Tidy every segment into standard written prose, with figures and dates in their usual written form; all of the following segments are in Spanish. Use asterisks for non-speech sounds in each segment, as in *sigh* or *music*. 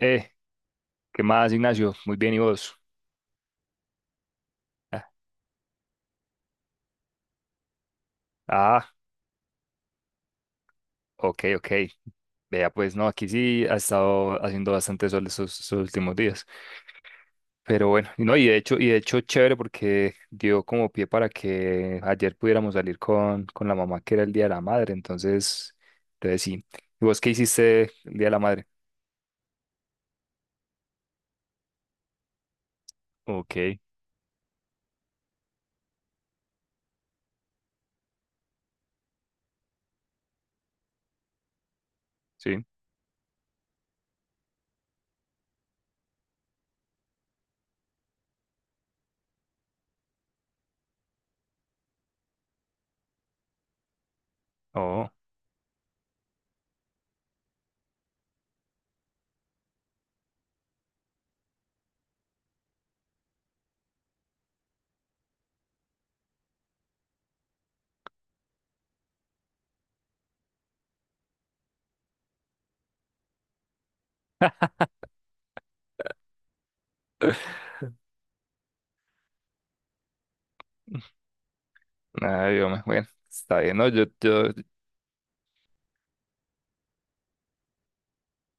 Eh, ¿Qué más, Ignacio? Muy bien, ¿y vos? Ah, ah, ok, ok. Vea, pues no, aquí sí ha estado haciendo bastante sol estos últimos días. Pero bueno, y no, y de hecho, chévere porque dio como pie para que ayer pudiéramos salir con la mamá, que era el Día de la Madre. Entonces, sí. ¿Y vos qué hiciste el Día de la Madre? Ok, sí. Oh, *laughs* ay, hombre, bueno, está bien, ¿no? Yo,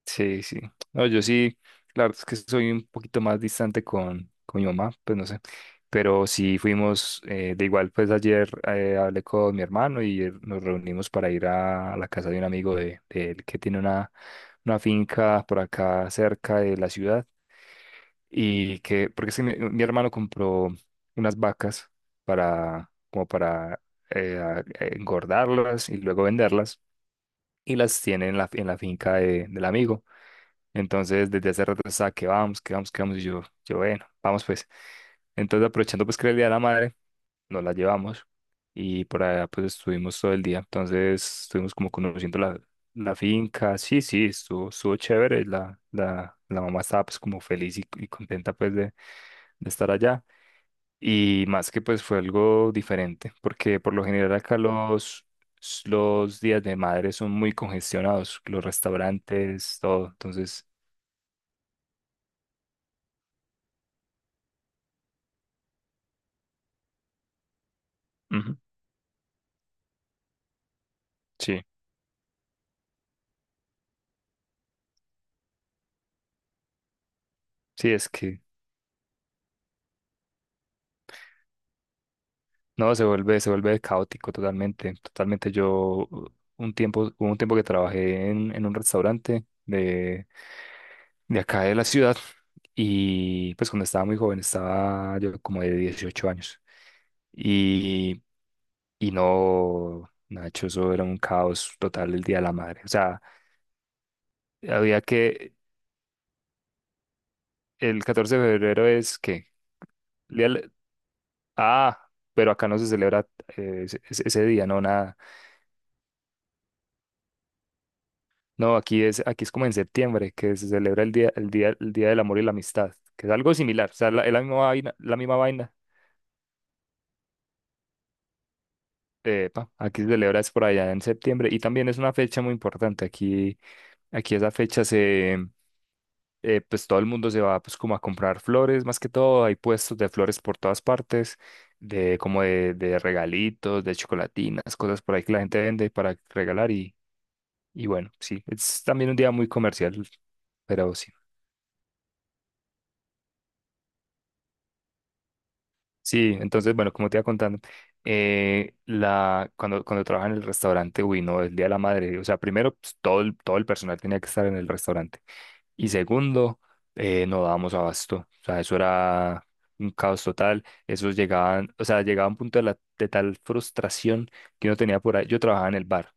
sí, sí. No, yo sí, la verdad es que soy un poquito más distante con mi mamá, pues no sé. Pero sí fuimos, de igual, pues ayer hablé con mi hermano y nos reunimos para ir a la casa de un amigo de él que tiene una finca por acá cerca de la ciudad. Y que, porque es que mi hermano compró unas vacas para, como para engordarlas y luego venderlas. Y las tiene en la finca del amigo. Entonces, desde hace rato estaba que vamos, que vamos, que vamos. Y yo, bueno, vamos pues. Entonces, aprovechando pues que era el Día de la Madre, nos la llevamos y por allá pues estuvimos todo el día. Entonces, estuvimos como conociendo la finca. Sí, sí, estuvo chévere. La mamá estaba pues como feliz y contenta pues de estar allá. Y más que pues fue algo diferente, porque por lo general acá los días de madre son muy congestionados, los restaurantes, todo. Ujú. Sí, sí, es que no se vuelve, se vuelve caótico totalmente, totalmente. Yo hubo un tiempo que trabajé en un restaurante de acá de la ciudad y pues cuando estaba muy joven, estaba yo como de 18 años y, y no, Nacho, eso era un caos total el Día de la Madre. O sea, había que, el 14 de febrero es que, ah, pero acá no se celebra ese día, no nada. No, aquí es como en septiembre, que se celebra el Día del Amor y la Amistad, que es algo similar, o sea, es la misma vaina, la misma vaina. Pa, aquí se celebra es por allá en septiembre y también es una fecha muy importante. Aquí esa fecha pues todo el mundo se va pues como a comprar flores, más que todo, hay puestos de flores por todas partes, de como de regalitos, de chocolatinas, cosas por ahí que la gente vende para regalar y bueno, sí, es también un día muy comercial, pero sí. Sí, entonces, bueno, como te iba contando, cuando trabajaba en el restaurante, uy, no, el Día de la Madre, o sea, primero, pues, todo el personal tenía que estar en el restaurante. Y segundo, no dábamos abasto, o sea, eso era un caos total. Esos llegaban, o sea, llegaba un punto de tal frustración que uno tenía por ahí. Yo trabajaba en el bar,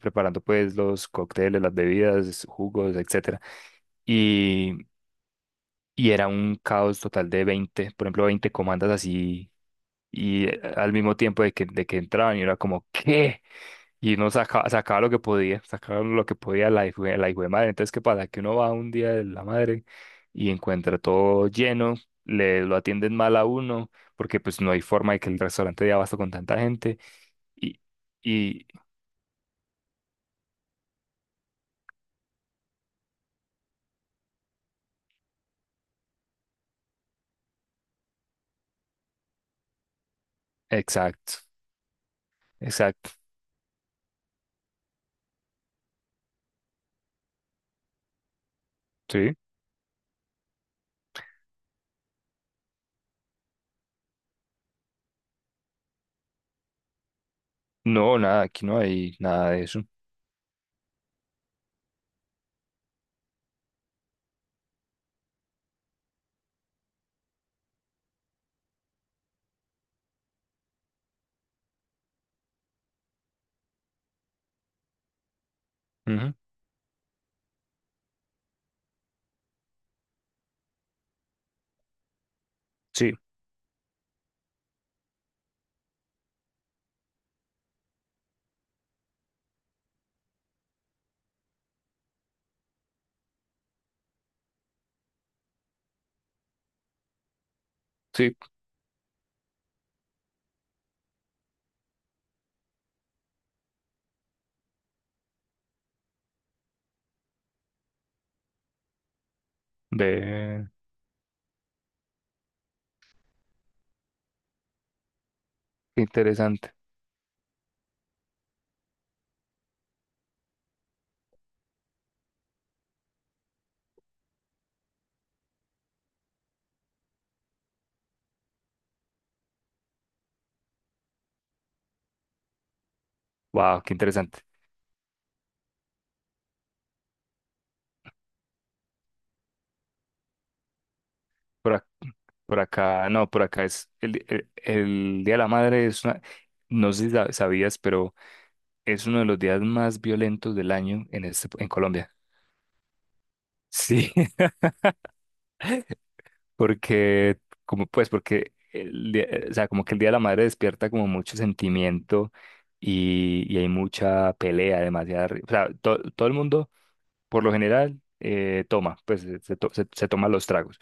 preparando pues los cócteles, las bebidas, jugos, etcétera. Y, y era un caos total de 20, por ejemplo, 20 comandas así y al mismo tiempo de que entraban y era como, ¿qué? Y uno sacaba, sacaba lo que podía, sacaba lo que podía la hijo de madre. Entonces, ¿qué pasa? Que uno va un día de la madre y encuentra todo lleno, le lo atienden mal a uno, porque pues no hay forma de que el restaurante dé abasto con tanta gente. Y, y, exacto, exacto, sí. No, nada, aquí no hay nada de eso. Ujú, sí, sí, ve, qué interesante. Wow, qué interesante. Por, ac- por acá, no, por acá es el Día de la Madre es una, no sé si sabías, pero es uno de los días más violentos del año en en Colombia. Sí, *laughs* porque, como pues, porque o sea, como que el Día de la Madre despierta como mucho sentimiento y hay mucha pelea, demasiada, o sea, todo el mundo, por lo general, toma, pues se toma los tragos.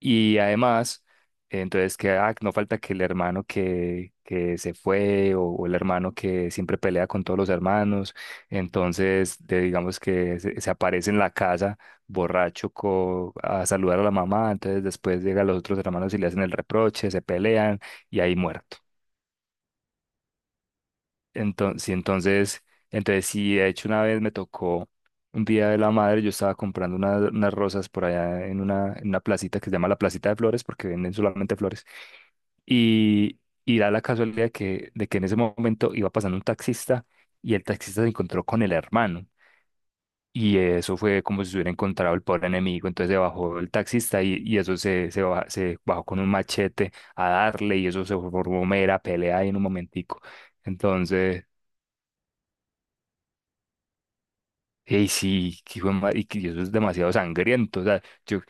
Y además, entonces que ah, no falta que el hermano que se fue o el hermano que siempre pelea con todos los hermanos, entonces digamos que se aparece en la casa borracho a saludar a la mamá, entonces después llegan los otros hermanos y le hacen el reproche, se pelean y ahí muerto. Entonces, sí, entonces, sí, de hecho una vez me tocó un día de la madre, yo estaba comprando unas rosas por allá en una placita que se llama la Placita de Flores porque venden solamente flores. Y, y da la casualidad de que en ese momento iba pasando un taxista y el taxista se encontró con el hermano. Y eso fue como si se hubiera encontrado el pobre enemigo. Entonces se bajó el taxista y eso se bajó con un machete a darle y eso se formó mera pelea ahí en un momentico. Entonces, hey, sí, que y que eso es demasiado sangriento. O sea,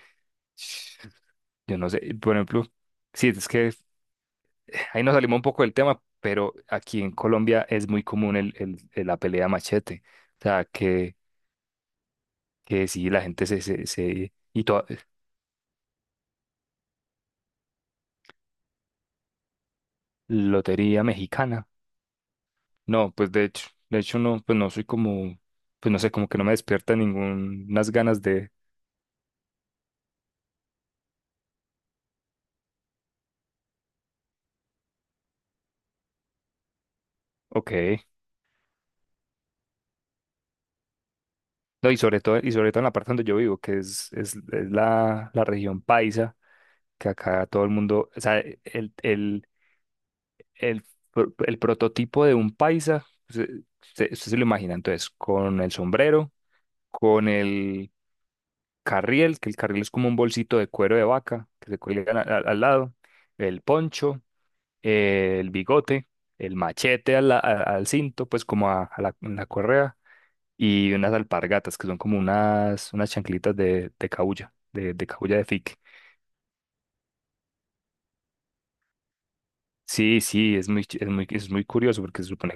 yo no sé, por ejemplo, sí, es que ahí nos salimos un poco del tema, pero aquí en Colombia es muy común la pelea machete. O sea, que sí, la gente se, y toda, lotería mexicana. No, pues de hecho no, pues no soy como, pues no sé, como que no me despierta ningunas ganas ok. No, y sobre todo en la parte donde yo vivo, que es la región paisa, que acá todo el mundo, o sea, el, el prototipo de un paisa, usted se lo imagina entonces, con el sombrero, con el carriel, que el carriel es como un bolsito de cuero de vaca que se cuelga al lado, el poncho, el bigote, el machete al cinto, pues como en la correa, y unas alpargatas que son como unas chanclitas de cabuya, de cabuya de fique. Sí, sí, es muy, ch- es muy curioso porque se supone,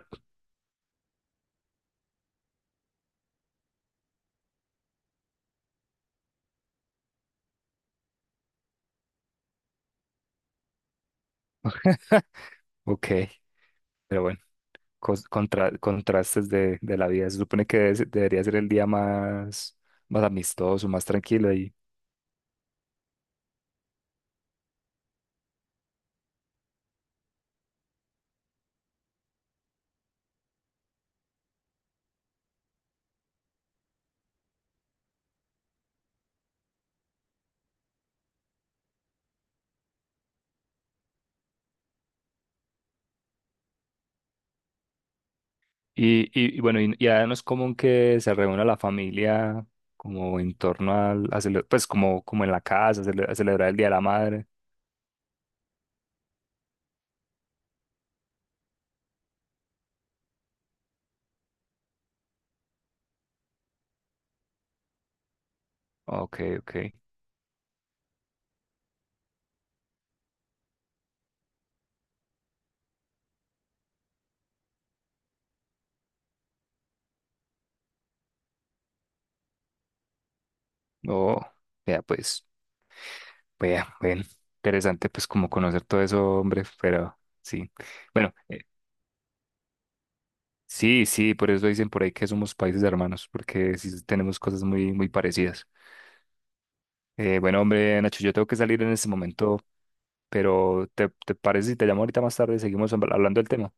ok, pero bueno. Contrastes de la vida. Se supone que debería ser el día más, más amistoso, más tranquilo y, bueno, y ahora no es común que se reúna la familia como en torno pues como en la casa, a celebrar el Día de la Madre. Ok, ok. Oh, vea, pues, vea, bueno, interesante pues como conocer todo eso, hombre, pero sí. Bueno, sí, sí, por eso dicen por ahí que somos países hermanos, porque sí tenemos cosas muy, muy parecidas. Bueno, hombre, Nacho, yo tengo que salir en este momento, pero ¿te parece si te llamo ahorita más tarde y seguimos hablando del tema?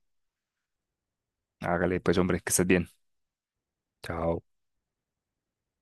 Hágale, pues, hombre, que estés bien. Chao.